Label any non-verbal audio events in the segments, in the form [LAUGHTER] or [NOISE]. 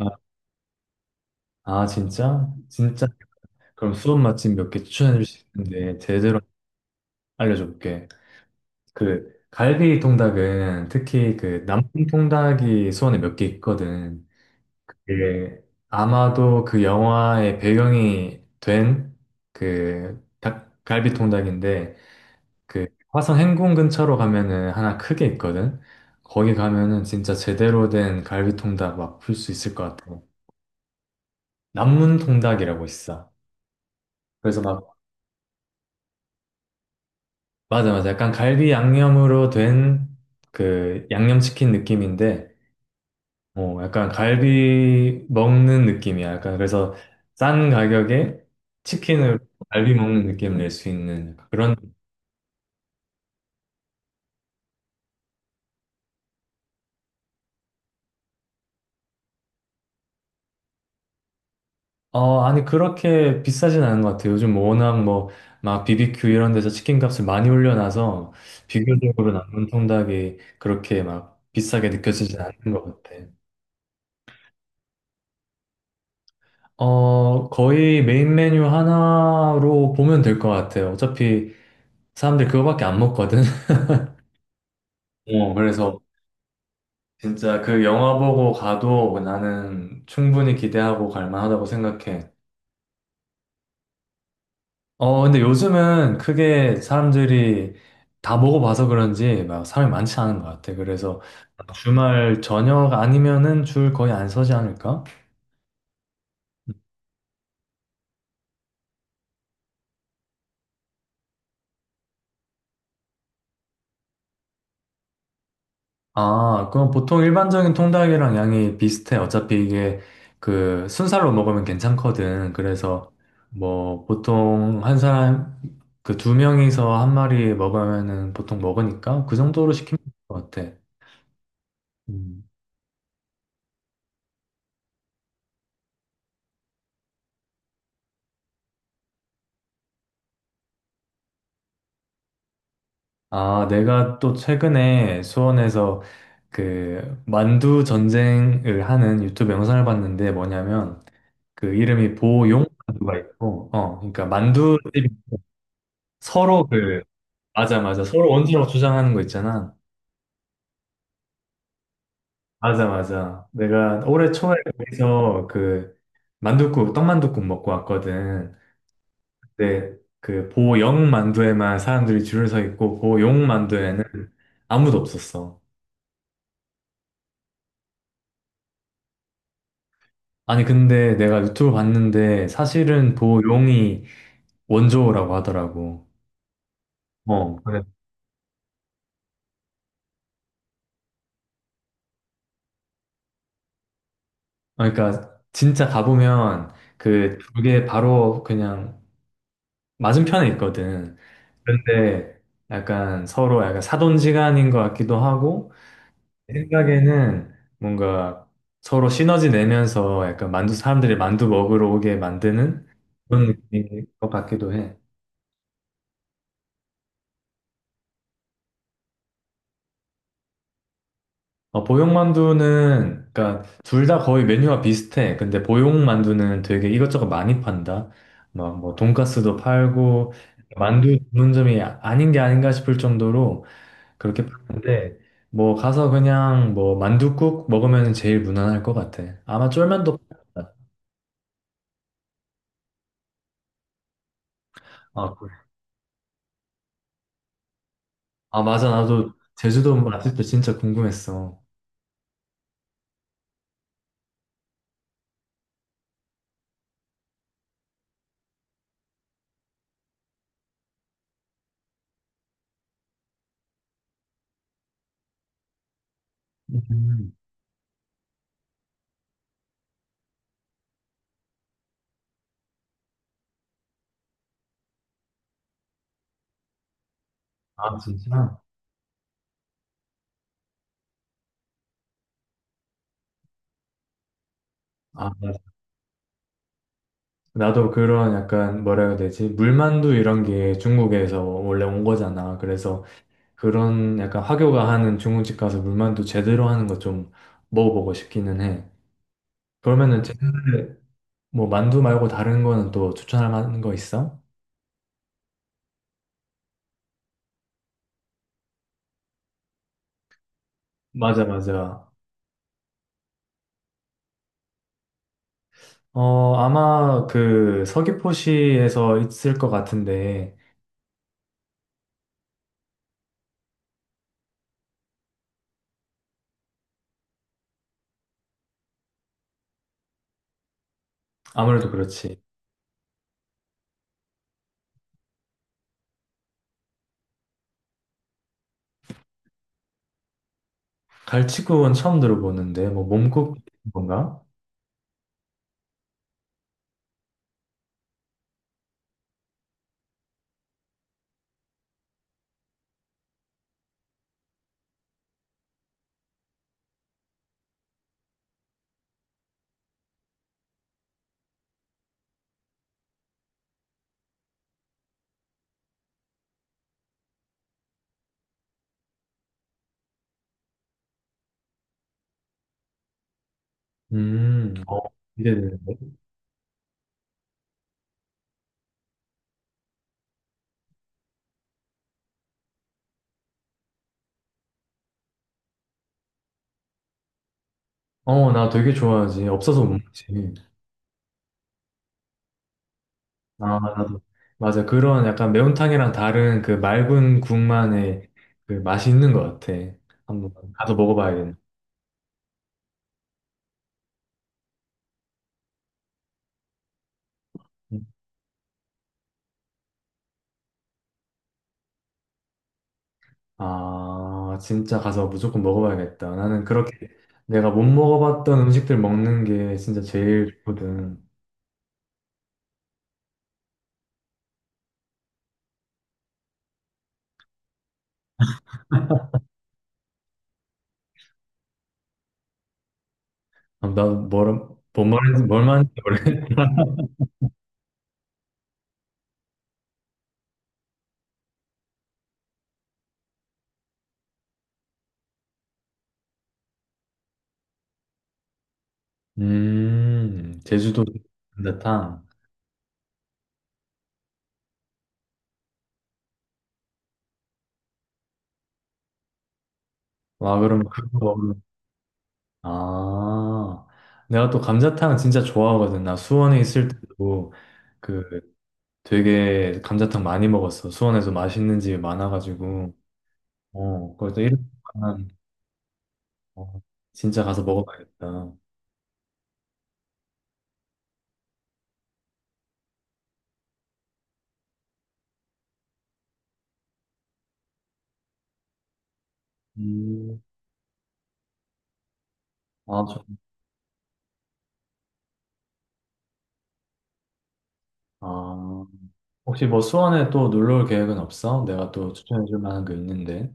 아, 진짜? 진짜? 그럼 수원 맛집 몇 개 추천해 줄 수 있는데 제대로 알려줄게. 그 갈비 통닭은 특히 그 남풍 통닭이 수원에 몇 개 있거든. 그 아마도 그 영화의 배경이 된그 갈비 통닭인데 그 화성 행궁 근처로 가면은 하나 크게 있거든. 거기 가면은 진짜 제대로 된 갈비 통닭 막 풀 수 있을 것 같아. 남문 통닭이라고 있어. 그래서 막 맞아, 맞아. 약간 갈비 양념으로 된 그 양념치킨 느낌인데, 약간 갈비 먹는 느낌이야. 약간 그래서 싼 가격에 치킨을 갈비 먹는 느낌을 낼 수 있는 그런, 어, 아니, 그렇게 비싸진 않은 것 같아. 요즘 워낙 뭐, 막 BBQ 이런 데서 치킨 값을 많이 올려놔서 비교적으로 남은 통닭이 그렇게 막 비싸게 느껴지진 않는 것 같아. 어, 거의 메인 메뉴 하나로 보면 될 것 같아요. 어차피 사람들 그거밖에 안 먹거든. [LAUGHS] 어, 그래서 진짜 그 영화 보고 가도 나는 충분히 기대하고 갈 만하다고 생각해. 어, 근데 요즘은 크게 사람들이 다 먹어 봐서 그런지 막 사람이 많지 않은 것 같아. 그래서 주말 저녁 아니면은 줄 거의 안 서지 않을까? 아, 그럼 보통 일반적인 통닭이랑 양이 비슷해. 어차피 이게 그 순살로 먹으면 괜찮거든. 그래서 뭐 보통 한 사람, 그 두 명이서 한 마리 먹으면은 보통 먹으니까 그 정도로 시키면 될 것 같아. 음. 아, 내가 또 최근에 수원에서 그 만두 전쟁을 하는 유튜브 영상을 봤는데 뭐냐면 그 이름이 보용 만두가 있고, 그러니까 만두 서로 그 맞아, 맞아. 서로 원수라고 주장하는 거 있잖아. 맞아, 맞아. 내가 올해 초에 거기서 그 만둣국, 떡만둣국 먹고 왔거든. 근데 그 보영 만두에만 사람들이 줄을 서 있고 보용 만두에는 아무도 없었어. 아니, 근데 내가 유튜브 봤는데 사실은 보용이 원조라고 하더라고. 어, 그래. 그러니까 진짜 가보면 그 두 개 바로 그냥 맞은편에 있거든. 그런데 약간 서로 약간 사돈지간인 것 같기도 하고 내 생각에는 뭔가 서로 시너지 내면서 약간 만두 사람들이 만두 먹으러 오게 만드는 그런 느낌인 것 같기도 해. 어, 보육만두는 그러니까 둘 다 거의 메뉴가 비슷해. 근데 보육만두는 되게 이것저것 많이 판다. 막 뭐 돈가스도 팔고 만두 전문점이 아닌 게 아닌가 싶을 정도로 그렇게 봤는데 뭐 가서 그냥 뭐 만둣국 먹으면 제일 무난할 것 같아. 아마 쫄면도 팔겠다. 아, 그래. 아 맞아, 나도 제주도 맛집도 진짜 궁금했어. 음. 아 진짜? 아 맞아. 나도 그런 약간 뭐라 해야 되지? 물만두 이런 게 중국에서 원래 온 거잖아. 그래서 그런 약간 화교가 하는 중국집 가서 물만두 제대로 하는 거 좀 먹어보고 싶기는 해. 그러면은 제주도에 뭐 만두 말고 다른 거는 또 추천할 만한 거 있어? 맞아 맞아. 어, 아마 그 서귀포시에서 있을 것 같은데, 아무래도 그렇지. 갈치구은 처음 들어보는데, 뭐 몸국 건가? 어, 기대돼. 어, 나 되게 좋아하지. 없어서 못 먹지. 아, 나도. 맞아. 그런 약간 매운탕이랑 다른 그 맑은 국만의 그 맛이 있는 것 같아. 한번 가서 먹어봐야겠네. 아, 진짜 가서 무조건 먹어봐야겠다. 나는 그렇게 내가 못 먹어봤던 음식들 먹는 게 진짜 제일 좋거든. 아, 난 뭔 말인지, 뭘 말인지 모르겠 제주도 감자탕. 와, 그럼 그거 먹으면, 아, 내가 또 감자탕 진짜 좋아하거든. 나 수원에 있을 때도 그 되게 감자탕 많이 먹었어. 수원에서 맛있는 집이 많아가지고. 어, 그래서 이렇게 하면, 어, 진짜 가서 먹어봐야겠다. 음, 아, 좋- 아, 혹시 뭐 수원에 또 놀러 올 계획은 없어? 내가 또 추천해줄 만한 게 있는데.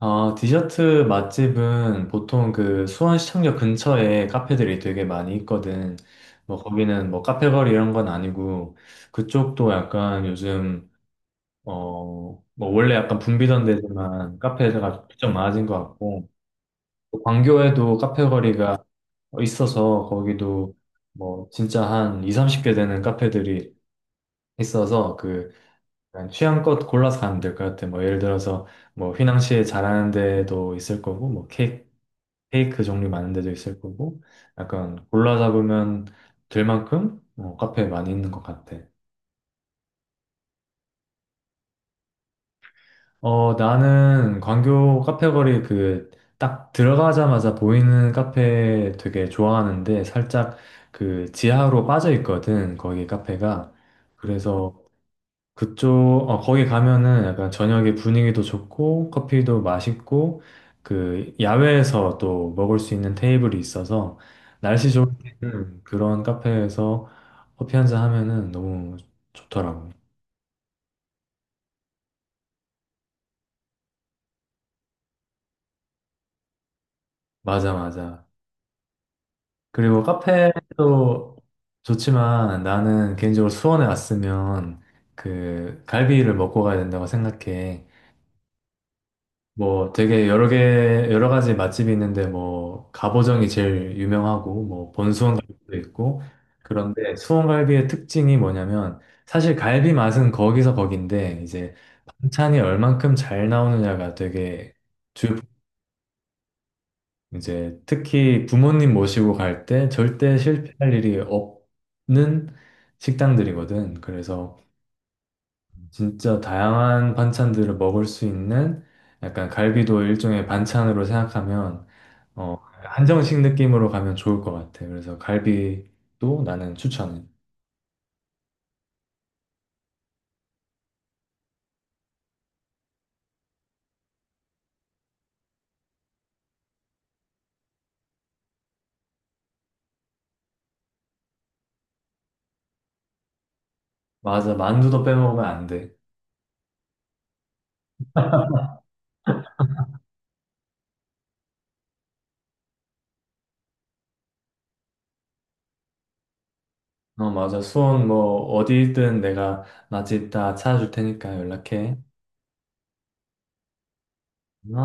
아, 디저트 맛집은 보통 그 수원시청역 근처에 카페들이 되게 많이 있거든. 뭐 거기는 뭐 카페거리 이런 건 아니고 그쪽도 약간 요즘 어, 뭐 원래 약간 붐비던 데지만 카페가 좀 많아진 것 같고 또 광교에도 카페거리가 있어서 거기도 뭐 진짜 한 2, 30개 되는 카페들이 있어서 그 그냥 취향껏 골라서 가면 될 것 같아. 뭐 예를 들어서 뭐 휘낭시에 잘하는 데도 있을 거고 뭐 케이크 페이크 종류 많은 데도 있을 거고, 약간 골라 잡으면 될 만큼 어, 카페 많이 있는 것 같아. 어, 나는 광교 카페 거리 그 딱 들어가자마자 보이는 카페 되게 좋아하는데 살짝 그 지하로 빠져 있거든, 거기 카페가. 음. 그래서 그쪽, 어, 거기 가면은 약간 저녁에 분위기도 좋고, 커피도 맛있고, 그, 야외에서 또 먹을 수 있는 테이블이 있어서, 날씨 좋을 때는 그런 카페에서 커피 한잔 하면은 너무 좋더라고. 맞아, 맞아. 그리고 카페도 좋지만 나는 개인적으로 수원에 왔으면 그 갈비를 먹고 가야 된다고 생각해. 뭐 되게 여러 개, 여러 가지 맛집이 있는데 뭐 갑오정이 제일 유명하고 뭐 본수원갈비도 있고 그런데 수원갈비의 특징이 뭐냐면 사실 갈비 맛은 거기서 거긴데 이제 반찬이 얼만큼 잘 나오느냐가 되게 이제 특히 부모님 모시고 갈 때 절대 실패할 일이 없는 식당들이거든. 그래서 진짜 다양한 반찬들을 먹을 수 있는 약간 갈비도 일종의 반찬으로 생각하면 어, 한정식 느낌으로 가면 좋을 것 같아. 그래서 갈비도 나는 추천해. 맞아, 만두도 빼먹으면 안 돼. 어, 맞아. 수원 뭐 어디든 내가 맛있다 찾아줄 테니까 연락해. 어?